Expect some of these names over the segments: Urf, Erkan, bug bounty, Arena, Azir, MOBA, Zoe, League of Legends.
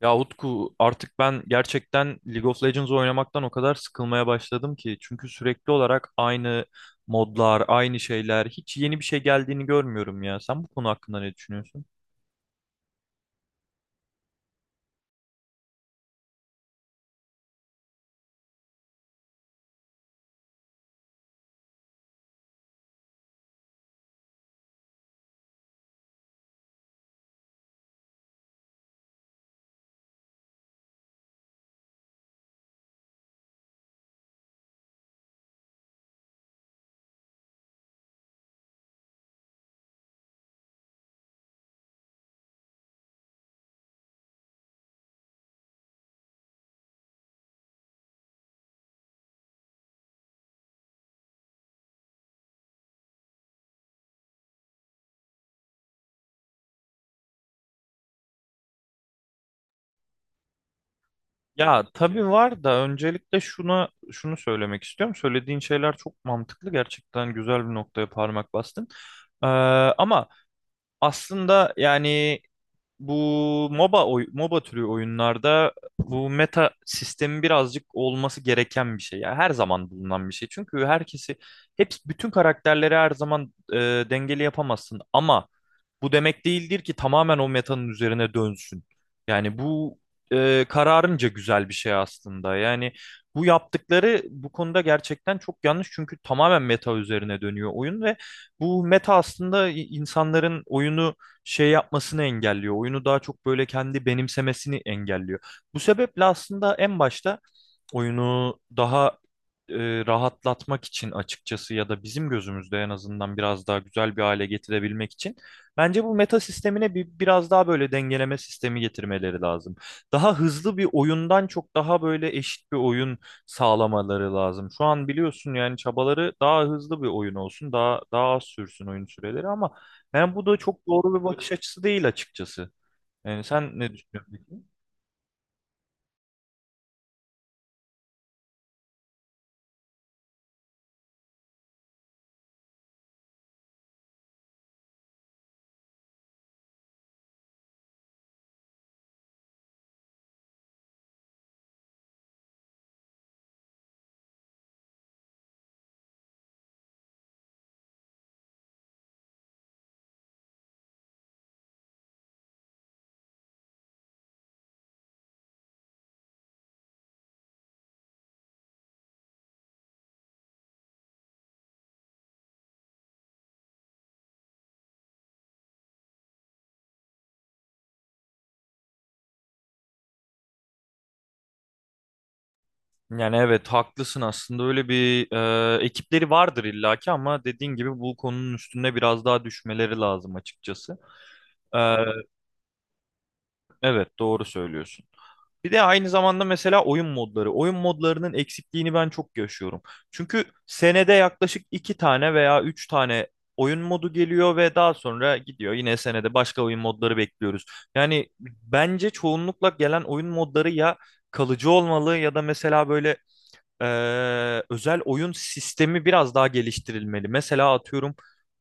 Ya Utku artık ben gerçekten League of Legends oynamaktan o kadar sıkılmaya başladım ki. Çünkü sürekli olarak aynı modlar, aynı şeyler, hiç yeni bir şey geldiğini görmüyorum ya. Sen bu konu hakkında ne düşünüyorsun? Ya tabii var da öncelikle şunu söylemek istiyorum. Söylediğin şeyler çok mantıklı. Gerçekten güzel bir noktaya parmak bastın. Ee, Ama aslında yani bu MOBA türü oyunlarda bu meta sistemi birazcık olması gereken bir şey. Yani her zaman bulunan bir şey. Çünkü herkesi hep bütün karakterleri her zaman dengeli yapamazsın ama bu demek değildir ki tamamen o metanın üzerine dönsün. Yani bu kararınca güzel bir şey aslında. Yani bu yaptıkları bu konuda gerçekten çok yanlış çünkü tamamen meta üzerine dönüyor oyun ve bu meta aslında insanların oyunu şey yapmasını engelliyor. Oyunu daha çok böyle kendi benimsemesini engelliyor. Bu sebeple aslında en başta oyunu daha rahatlatmak için açıkçası ya da bizim gözümüzde en azından biraz daha güzel bir hale getirebilmek için bence bu meta sistemine biraz daha böyle dengeleme sistemi getirmeleri lazım. Daha hızlı bir oyundan çok daha böyle eşit bir oyun sağlamaları lazım. Şu an biliyorsun yani çabaları daha hızlı bir oyun olsun, daha az sürsün oyun süreleri ama yani bu da çok doğru bir bakış açısı değil açıkçası. Yani sen ne düşünüyorsun peki? Yani evet haklısın aslında öyle bir ekipleri vardır illaki ama dediğin gibi bu konunun üstüne biraz daha düşmeleri lazım açıkçası. E, evet doğru söylüyorsun. Bir de aynı zamanda mesela oyun modları. Oyun modlarının eksikliğini ben çok yaşıyorum. Çünkü senede yaklaşık iki tane veya üç tane oyun modu geliyor ve daha sonra gidiyor. Yine senede başka oyun modları bekliyoruz. Yani bence çoğunlukla gelen oyun modları ya kalıcı olmalı ya da mesela böyle özel oyun sistemi biraz daha geliştirilmeli. Mesela atıyorum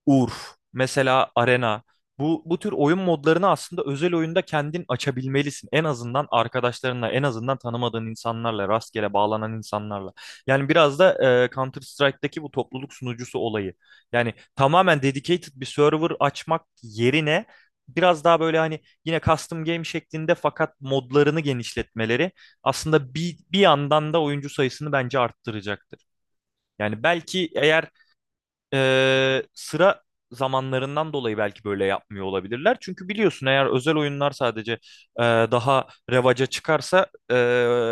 Urf, mesela Arena. Bu tür oyun modlarını aslında özel oyunda kendin açabilmelisin. En azından arkadaşlarınla, en azından tanımadığın insanlarla, rastgele bağlanan insanlarla. Yani biraz da Counter Strike'daki bu topluluk sunucusu olayı. Yani tamamen dedicated bir server açmak yerine biraz daha böyle hani yine custom game şeklinde fakat modlarını genişletmeleri aslında bir yandan da oyuncu sayısını bence arttıracaktır. Yani belki eğer sıra zamanlarından dolayı belki böyle yapmıyor olabilirler. Çünkü biliyorsun eğer özel oyunlar sadece daha revaca çıkarsa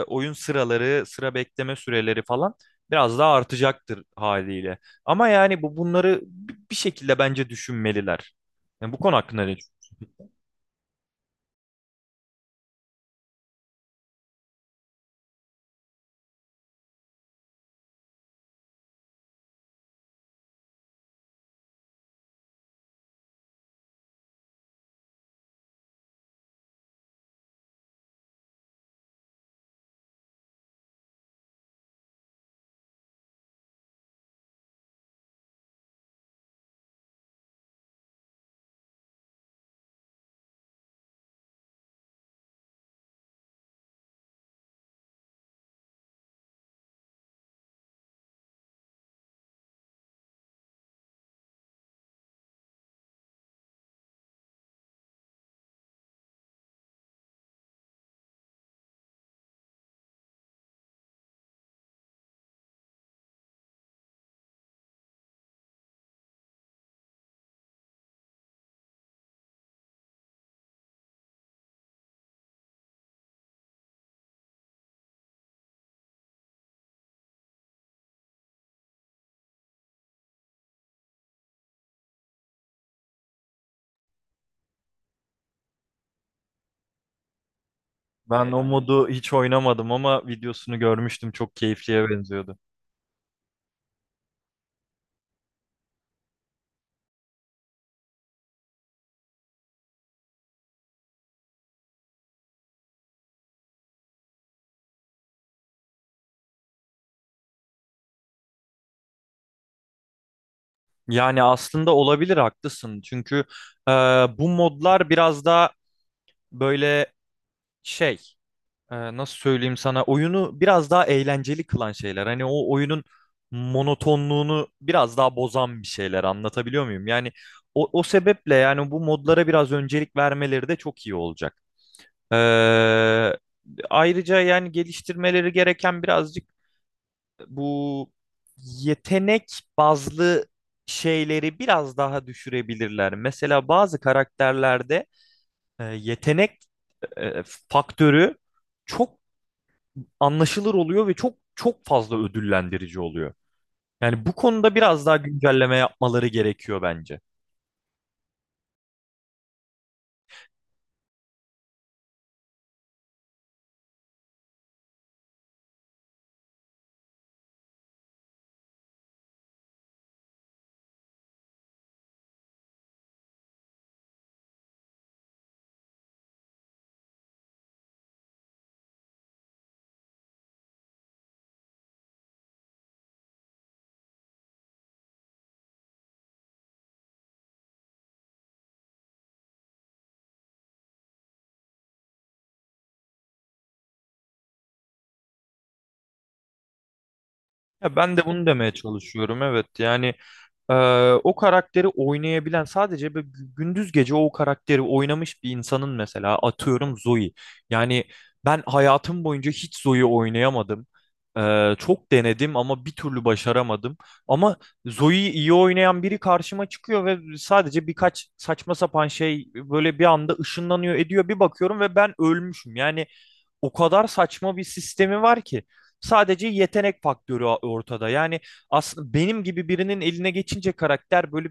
oyun sıraları, sıra bekleme süreleri falan biraz daha artacaktır haliyle. Ama yani bunları bir şekilde bence düşünmeliler. Yani bu konu hakkında ne düşünüyorsun? Ben o modu hiç oynamadım ama videosunu görmüştüm. Çok keyifliye benziyordu. Yani aslında olabilir haklısın. Çünkü e, bu modlar biraz daha böyle şey nasıl söyleyeyim sana oyunu biraz daha eğlenceli kılan şeyler. Hani o oyunun monotonluğunu biraz daha bozan bir şeyler anlatabiliyor muyum? Yani o sebeple yani bu modlara biraz öncelik vermeleri de çok iyi olacak. E, ayrıca yani geliştirmeleri gereken birazcık bu yetenek bazlı şeyleri biraz daha düşürebilirler. Mesela bazı karakterlerde yetenek e, faktörü çok anlaşılır oluyor ve çok çok fazla ödüllendirici oluyor. Yani bu konuda biraz daha güncelleme yapmaları gerekiyor bence. Ya ben de bunu demeye çalışıyorum. Evet yani Ee, o karakteri oynayabilen sadece böyle gündüz gece o karakteri oynamış bir insanın mesela atıyorum Zoe. Yani ben hayatım boyunca hiç Zoe oynayamadım. Çok denedim ama bir türlü başaramadım. Ama Zoe'yi iyi oynayan biri karşıma çıkıyor ve sadece birkaç saçma sapan şey böyle bir anda ışınlanıyor ediyor. Bir bakıyorum ve ben ölmüşüm. Yani o kadar saçma bir sistemi var ki. Sadece yetenek faktörü ortada. Yani aslında benim gibi birinin eline geçince karakter böyle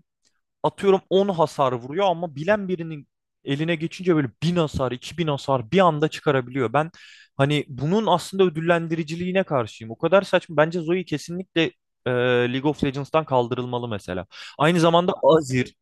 atıyorum 10 hasar vuruyor ama bilen birinin eline geçince böyle 1000 hasar, 2000 hasar bir anda çıkarabiliyor. Ben hani bunun aslında ödüllendiriciliğine karşıyım. O kadar saçma. Bence Zoe kesinlikle e, League of Legends'tan kaldırılmalı mesela. Aynı zamanda Azir.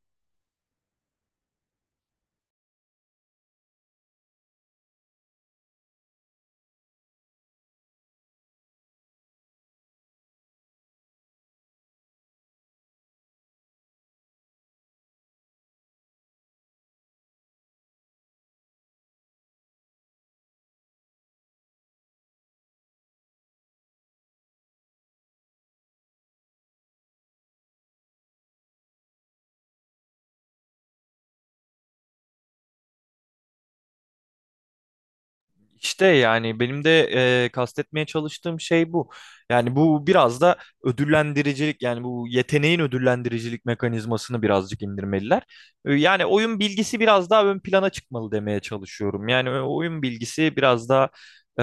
İşte yani benim de kastetmeye çalıştığım şey bu. Yani bu biraz da ödüllendiricilik yani bu yeteneğin ödüllendiricilik mekanizmasını birazcık indirmeliler. Yani oyun bilgisi biraz daha ön plana çıkmalı demeye çalışıyorum. Yani oyun bilgisi biraz daha e,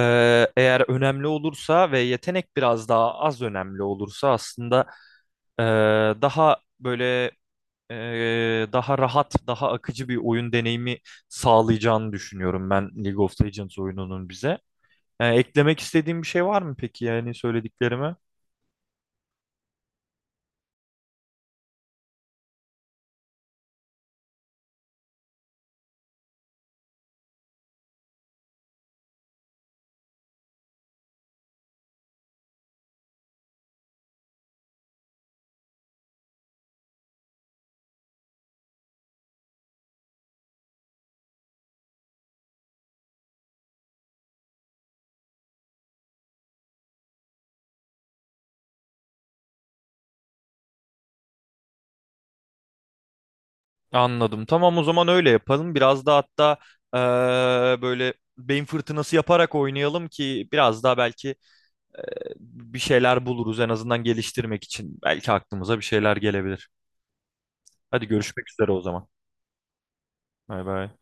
eğer önemli olursa ve yetenek biraz daha az önemli olursa aslında e, daha böyle daha rahat, daha akıcı bir oyun deneyimi sağlayacağını düşünüyorum ben League of Legends oyununun bize. Yani eklemek istediğim bir şey var mı peki yani söylediklerime? Anladım. Tamam o zaman öyle yapalım. Biraz da hatta böyle beyin fırtınası yaparak oynayalım ki biraz daha belki bir şeyler buluruz en azından geliştirmek için. Belki aklımıza bir şeyler gelebilir. Hadi görüşmek üzere o zaman. Bay bay.